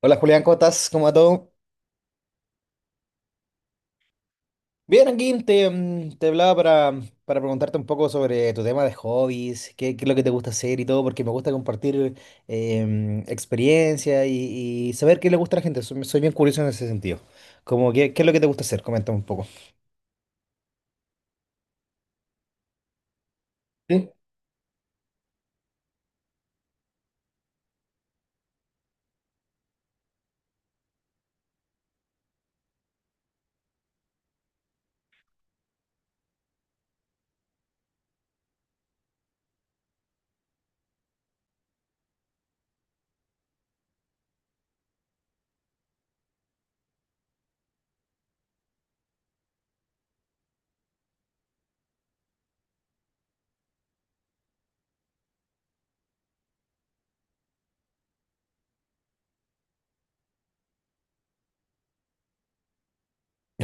Hola Julián, ¿cómo estás? ¿Cómo va todo? Bien, aquí te hablaba para preguntarte un poco sobre tu tema de hobbies, qué es lo que te gusta hacer y todo, porque me gusta compartir experiencia y saber qué le gusta a la gente. Soy bien curioso en ese sentido. Como, ¿qué es lo que te gusta hacer? Coméntame un poco. Sí.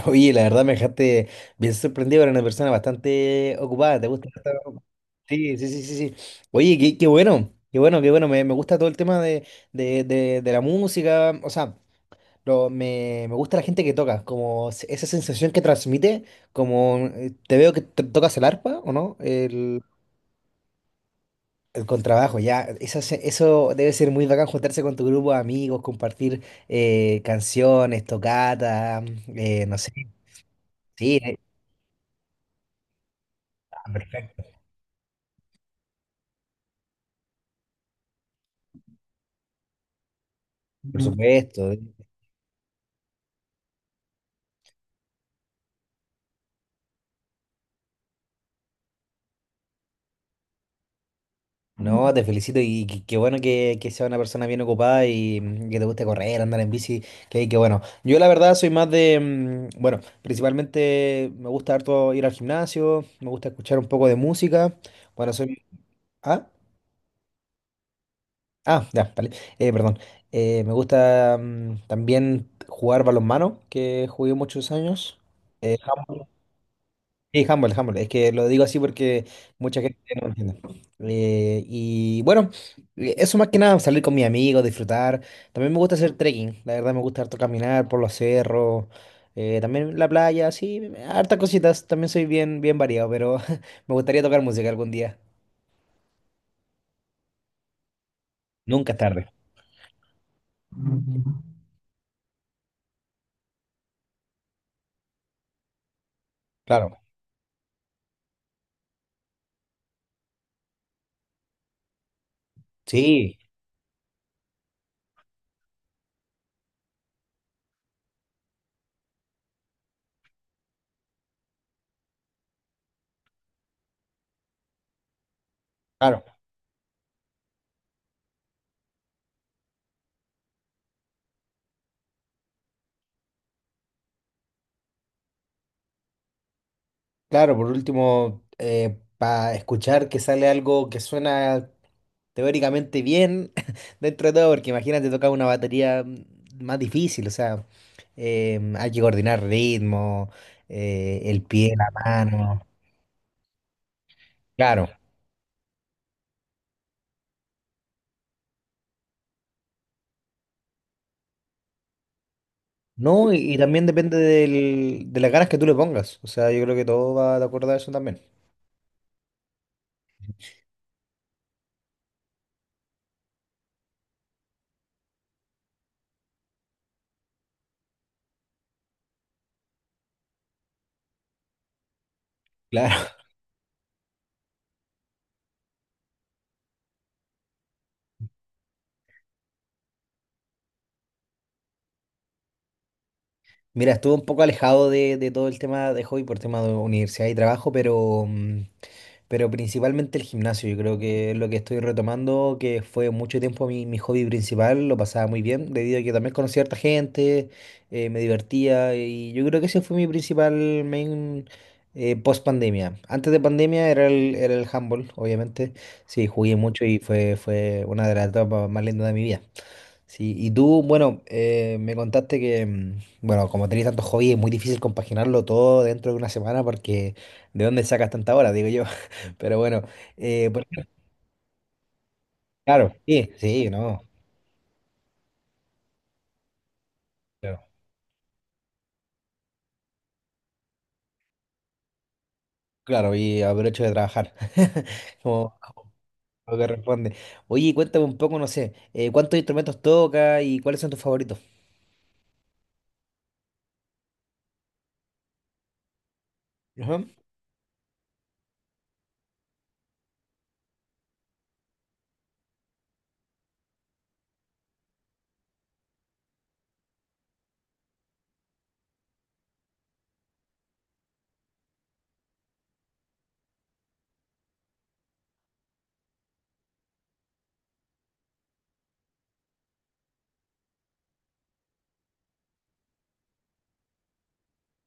Oye, la verdad me dejaste bien sorprendido, eres una persona bastante ocupada, ¿te gusta Sí, sí, sí, sí, sí. Oye, qué, qué bueno, qué bueno, qué bueno, me gusta todo el tema de la música, o sea. Pero me gusta la gente que toca, esa sensación que transmite, como te veo que tocas el arpa, ¿o no? El contrabajo, ya. Eso debe ser muy bacán juntarse con tu grupo de amigos, compartir canciones, tocata, no sé. Sí, ah, perfecto, por supuesto. No, te felicito y qué bueno que sea una persona bien ocupada y que te guste correr, andar en bici, que bueno. Yo la verdad soy más de, bueno, principalmente me gusta harto ir al gimnasio, me gusta escuchar un poco de música. Bueno, soy. Ah, ah, ya, vale. Perdón. Me gusta también jugar balonmano, que jugué muchos años. Sí, Humble, Humble. Es que lo digo así porque mucha gente no lo entiende. Y bueno, eso más que nada, salir con mis amigos, disfrutar. También me gusta hacer trekking. La verdad me gusta harto caminar por los cerros. También la playa, sí, hartas cositas. También soy bien, bien variado, pero me gustaría tocar música algún día. Nunca es tarde. Claro. Sí, claro. Claro, por último, para escuchar que sale algo que suena teóricamente bien dentro de todo, porque imagínate tocar una batería más difícil, o sea, hay que coordinar ritmo, el pie, la mano, claro, ¿no? Y también depende del, de las ganas que tú le pongas, o sea, yo creo que todo va de acuerdo a eso también. Claro. Mira, estuve un poco alejado de todo el tema de hobby por tema de universidad y trabajo, pero principalmente el gimnasio. Yo creo que es lo que estoy retomando, que fue mucho tiempo mi hobby principal, lo pasaba muy bien, debido a que también conocí a harta gente, me divertía y yo creo que ese fue mi principal main post pandemia. Antes de pandemia era el handball, obviamente. Sí, jugué mucho y fue una de las etapas más lindas de mi vida. Sí, y tú, bueno, me contaste que, bueno, como tenés tantos hobbies, es muy difícil compaginarlo todo dentro de una semana porque ¿de dónde sacas tanta hora? Digo yo. Pero bueno, por ejemplo, claro, sí, sí, no, claro, claro, y aprovecho de trabajar, como, como corresponde. Oye, cuéntame un poco, no sé, ¿cuántos instrumentos tocas y cuáles son tus favoritos? Ajá.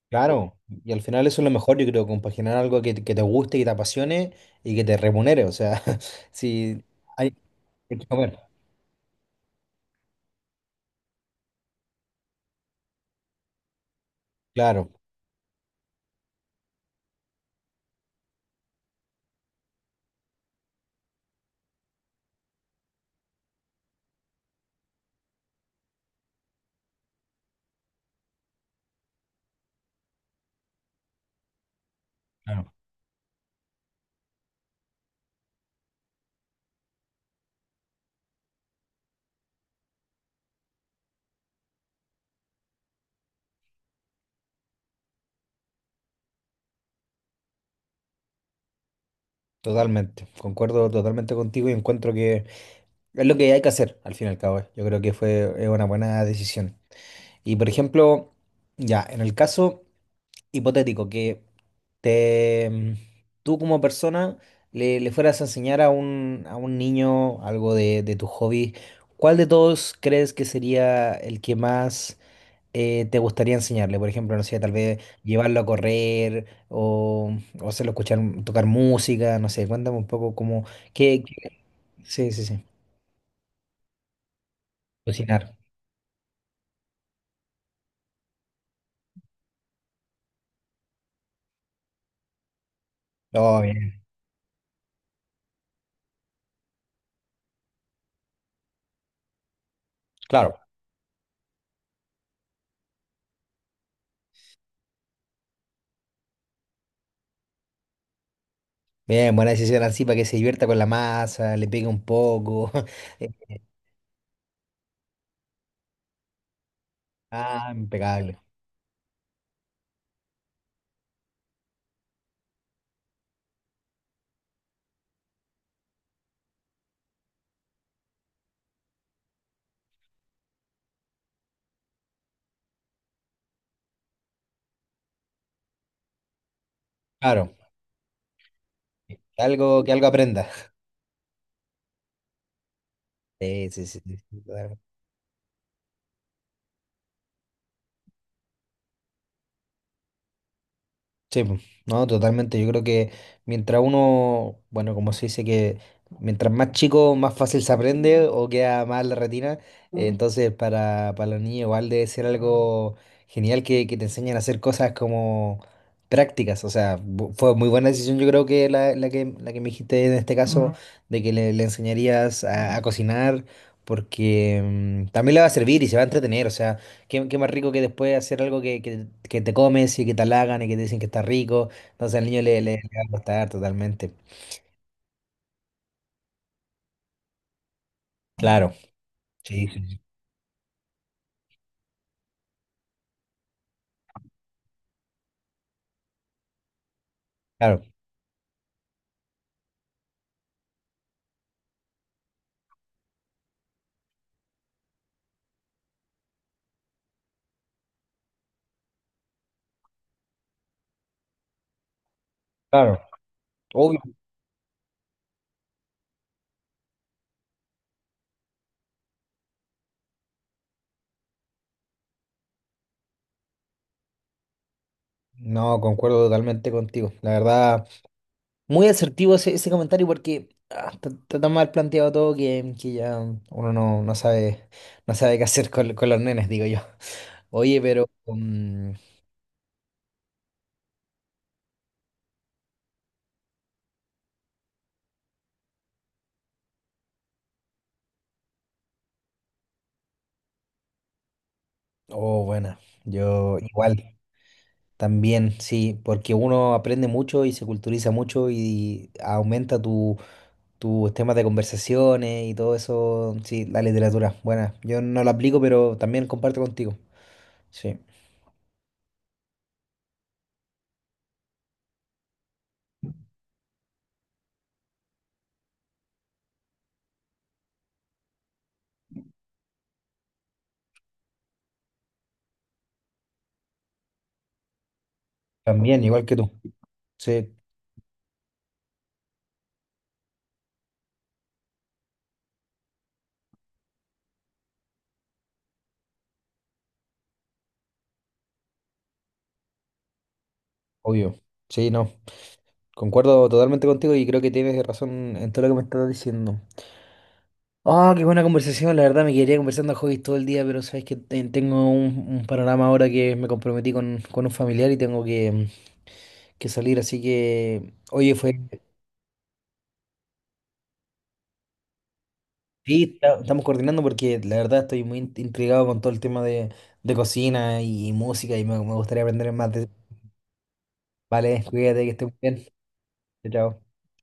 Claro, y al final eso es lo mejor, yo creo, compaginar algo que, que te guste, que te apasione y que te remunere, o sea, si hay que comer. Claro, claro, totalmente. Concuerdo totalmente contigo y encuentro que es lo que hay que hacer al fin y al cabo. Yo creo que fue es una buena decisión. Y por ejemplo, ya, en el caso hipotético que te mm, tú como persona le fueras a enseñar a un niño algo de tu hobby, ¿cuál de todos crees que sería el que más te gustaría enseñarle? Por ejemplo, no sé, tal vez llevarlo a correr o hacerlo escuchar, tocar música, no sé, cuéntame un poco cómo, qué, sí, sí, sí, cocinar. Oh, bien, claro. Bien, buena decisión así para que se divierta con la masa, le pegue un poco. Eh, Ah, impecable. Claro, que algo aprenda. Sí, sí, sí, sí, totalmente. Sí, po. No, totalmente. Yo creo que mientras uno, bueno, como se dice que mientras más chico, más fácil se aprende o queda más en la retina. Entonces, para los niños igual debe ser algo genial que te enseñen a hacer cosas como prácticas. O sea, fue muy buena decisión, yo creo que la que me dijiste en este caso, ujú. De que le enseñarías a cocinar, porque también le va a servir y se va a entretener. O sea. Qué, qué más rico que después hacer algo que te comes y que te halagan y que te dicen que está rico. Entonces al niño le va a gustar totalmente. Claro, sí, sí, sí, claro, claro. Obvio. No, concuerdo totalmente contigo. La verdad, muy asertivo ese comentario porque ah, está tan mal planteado todo que ya uno no sabe qué hacer con los nenes, digo yo. Oye, pero, oh, bueno, yo igual. También, sí, porque uno aprende mucho y se culturiza mucho y aumenta tus temas de conversaciones y todo eso. Sí, la literatura, buena. Yo no la aplico, pero también comparto contigo. Sí, también, igual que tú. Sí, obvio. Sí, no. Concuerdo totalmente contigo y creo que tienes razón en todo lo que me estás diciendo. Ah, qué buena conversación. La verdad me quedaría conversando a hobbies todo el día, pero sabes que tengo un panorama ahora que me comprometí con un familiar y tengo que salir. Así que, oye, fue. Sí, estamos coordinando porque la verdad estoy muy intrigado con todo el tema de cocina y música y me gustaría aprender más de. Vale, cuídate, que estés muy bien. Chao. Chao.